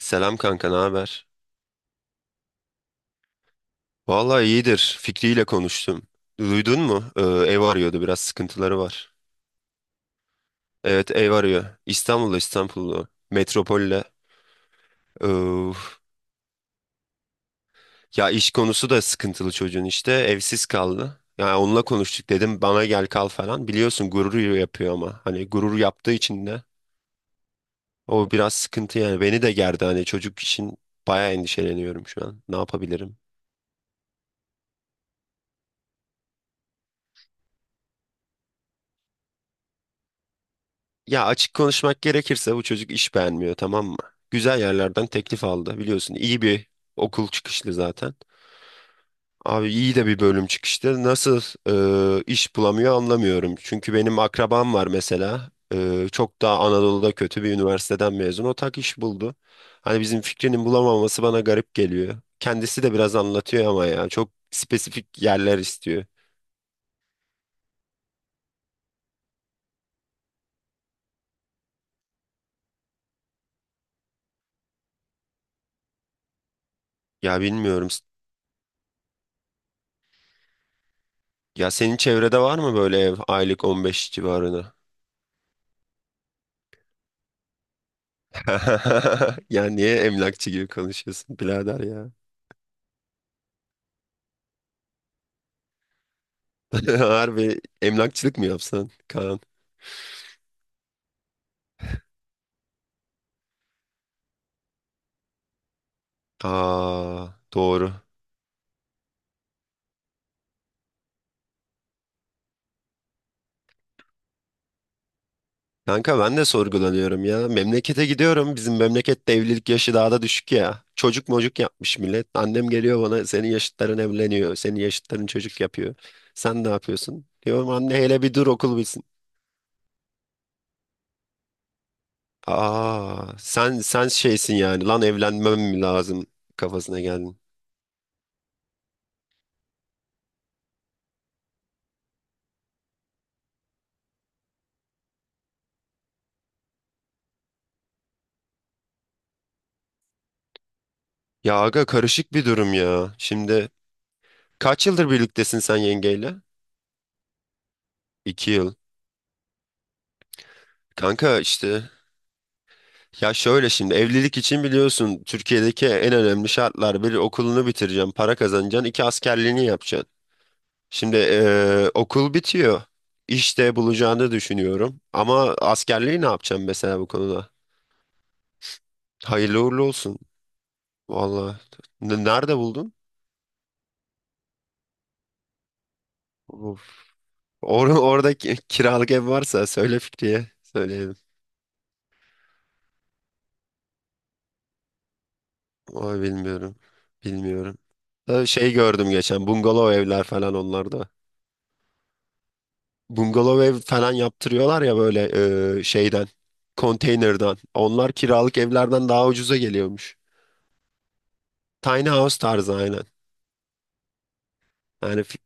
Selam kanka, ne haber? Vallahi iyidir. Fikri ile konuştum. Duydun mu? Ev arıyordu, biraz sıkıntıları var. Evet, ev arıyor. İstanbul'da. Metropolde. Ee, Ya iş konusu da sıkıntılı çocuğun işte. Evsiz kaldı. Yani onunla konuştuk dedim bana gel kal falan. Biliyorsun gurur yapıyor ama hani gurur yaptığı için de o biraz sıkıntı yani. Beni de gerdi hani çocuk için bayağı endişeleniyorum şu an. Ne yapabilirim? Ya açık konuşmak gerekirse bu çocuk iş beğenmiyor, tamam mı? Güzel yerlerden teklif aldı biliyorsun. İyi bir okul çıkışlı zaten. Abi iyi de bir bölüm çıkıştı. Nasıl iş bulamıyor anlamıyorum. Çünkü benim akrabam var mesela. Çok daha Anadolu'da kötü bir üniversiteden mezun. O tak iş buldu. Hani bizim fikrinin bulamaması bana garip geliyor. Kendisi de biraz anlatıyor ama ya, çok spesifik yerler istiyor. Ya bilmiyorum. Ya senin çevrede var mı böyle ev aylık 15 civarında? Ya niye emlakçı gibi konuşuyorsun birader ya? Harbi emlakçılık mı yapsan Kaan? Aa, doğru. Kanka ben de sorgulanıyorum ya. Memlekete gidiyorum. Bizim memlekette evlilik yaşı daha da düşük ya. Çocuk mocuk yapmış millet. Annem geliyor bana, senin yaşıtların evleniyor, senin yaşıtların çocuk yapıyor. Sen ne yapıyorsun? Diyorum anne hele bir dur okul bitsin. Aa, sen şeysin yani lan evlenmem mi lazım kafasına geldin. Ya aga karışık bir durum ya. Şimdi kaç yıldır birliktesin sen yengeyle? İki yıl. Kanka işte, ya şöyle şimdi evlilik için biliyorsun Türkiye'deki en önemli şartlar, bir okulunu bitireceksin, para kazanacaksın, iki askerliğini yapacaksın. Şimdi okul bitiyor. İşte bulacağını düşünüyorum. Ama askerliği ne yapacaksın mesela bu konuda? Hayırlı uğurlu olsun. Vallahi. Nerede buldun? Orada kiralık ev varsa söyle Fikriye. Söyleyelim. Ay bilmiyorum. Bilmiyorum. Ha, şey gördüm geçen, bungalov evler falan onlarda. Bungalov ev falan yaptırıyorlar ya böyle şeyden. Konteynerden. Onlar kiralık evlerden daha ucuza geliyormuş. Tiny house tarzı aynen. Yani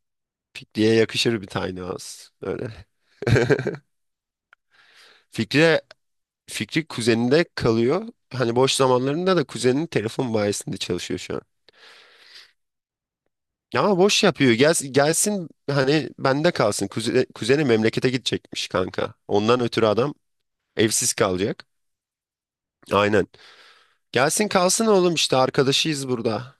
Fikriye yakışır bir tiny house. Öyle. Fikri, Fikri kuzeninde kalıyor. Hani boş zamanlarında da kuzeninin telefon bayisinde çalışıyor şu an. Ya boş yapıyor. Gelsin hani bende kalsın. Kuzeni memlekete gidecekmiş kanka. Ondan ötürü adam evsiz kalacak. Aynen. Gelsin kalsın oğlum işte, arkadaşıyız burada.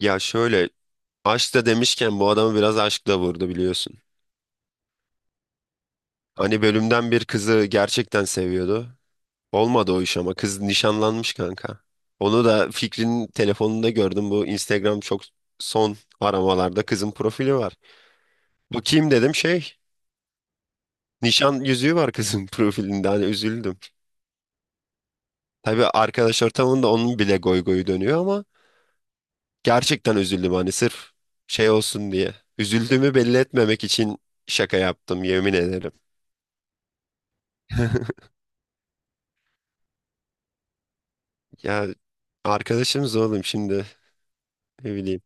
Ya şöyle, aşk da demişken bu adamı biraz aşkla vurdu biliyorsun. Hani bölümden bir kızı gerçekten seviyordu. Olmadı o iş ama kız nişanlanmış kanka. Onu da Fikri'nin telefonunda gördüm. Bu Instagram çok, son aramalarda kızın profili var. Bakayım dedim şey. Nişan yüzüğü var kızın profilinde, hani üzüldüm. Tabii arkadaş ortamında onun bile goy goyu dönüyor ama gerçekten üzüldüm hani, sırf şey olsun diye. Üzüldüğümü belli etmemek için şaka yaptım yemin ederim. Ya arkadaşımız oğlum şimdi, ne bileyim.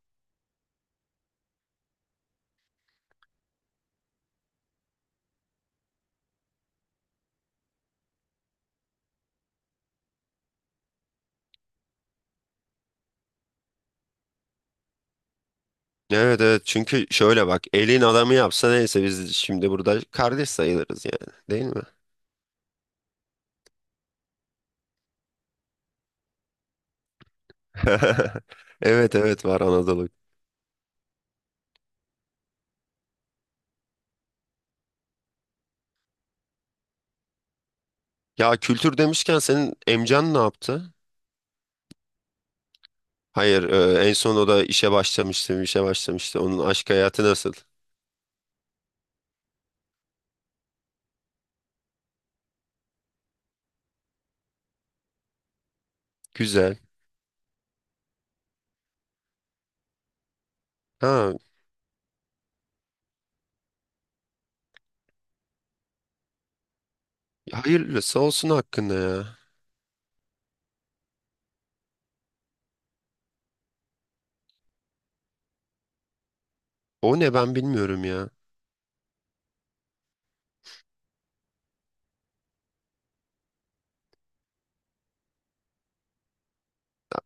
Evet evet, çünkü şöyle bak elin adamı yapsa neyse, biz şimdi burada kardeş sayılırız yani, değil mi? Evet evet, var Anadolu. Ya kültür demişken senin emcan ne yaptı? Hayır, en son o da işe başlamıştı. Onun aşk hayatı nasıl? Güzel. Ha, hayırlısı olsun hakkında ya. O ne, ben bilmiyorum ya.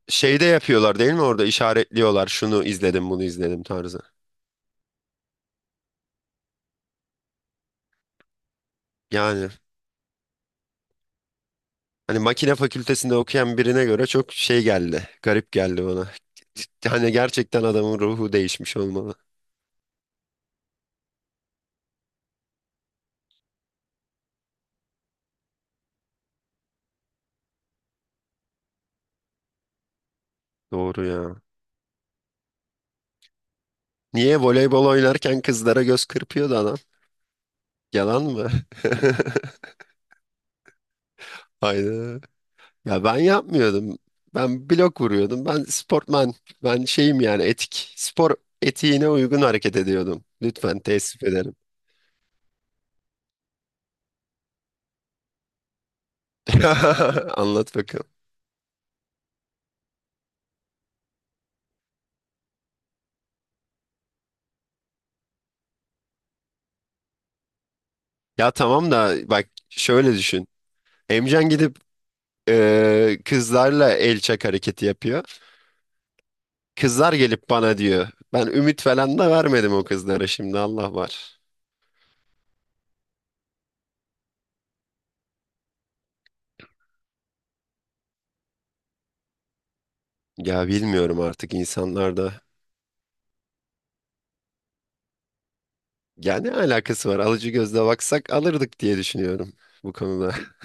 Şeyde yapıyorlar değil mi, orada işaretliyorlar. Şunu izledim, bunu izledim tarzı. Yani hani makine fakültesinde okuyan birine göre çok şey geldi. Garip geldi bana. Hani gerçekten adamın ruhu değişmiş olmalı. Doğru ya. Niye voleybol oynarken kızlara göz kırpıyordu adam? Yalan mı? Hayda. Ya ben yapmıyordum. Ben blok vuruyordum. Ben sportman. Ben şeyim yani, etik. Spor etiğine uygun hareket ediyordum. Lütfen, teessüf ederim. Anlat bakalım. Ya tamam da bak şöyle düşün. Emcan gidip kızlarla el çak hareketi yapıyor. Kızlar gelip bana diyor. Ben ümit falan da vermedim o kızlara, şimdi Allah var. Ya bilmiyorum artık insanlarda. Ya ne alakası var? Alıcı gözle baksak alırdık diye düşünüyorum bu konuda.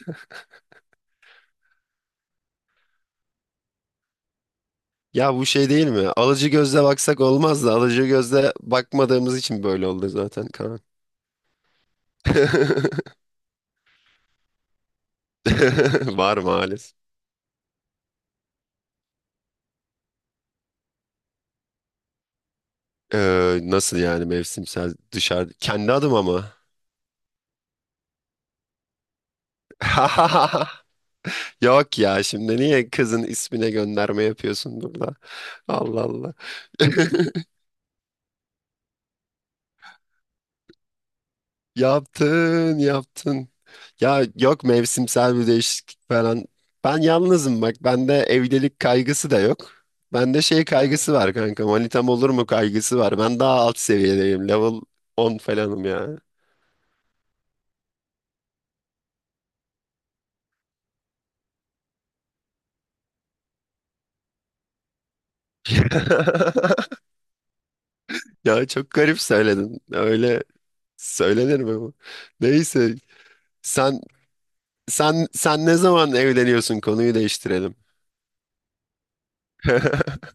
Ya bu şey değil mi? Alıcı gözle baksak olmaz da, alıcı gözle bakmadığımız için böyle oldu zaten Kaan. Var maalesef. Nasıl yani mevsimsel, dışarı kendi adım ama. Yok ya, şimdi niye kızın ismine gönderme yapıyorsun burada? Allah Allah. Yaptın. Ya yok mevsimsel bir değişiklik falan. Ben yalnızım bak. Bende evlilik kaygısı da yok. Bende şey kaygısı var kanka. Manitam olur mu kaygısı var. Ben daha alt seviyedeyim. Level on falanım ya. Ya çok garip söyledin. Öyle söylenir mi bu? Neyse. Sen sen ne zaman evleniyorsun? Konuyu değiştirelim. Hı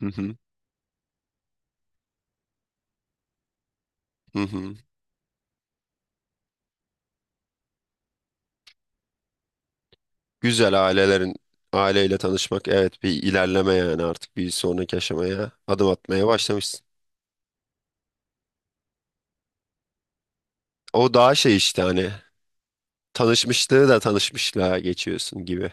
hı, hı hı. Güzel ailelerin, aileyle tanışmak evet bir ilerleme yani, artık bir sonraki aşamaya adım atmaya başlamışsın. O daha şey işte, hani tanışmışlığı da tanışmışlığa geçiyorsun gibi.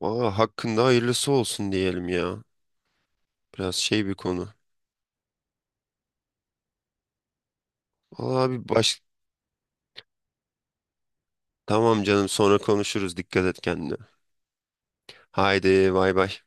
Valla hakkında hayırlısı olsun diyelim ya. Biraz şey bir konu. Valla bir baş... Tamam canım, sonra konuşuruz, dikkat et kendine. Haydi bay bay.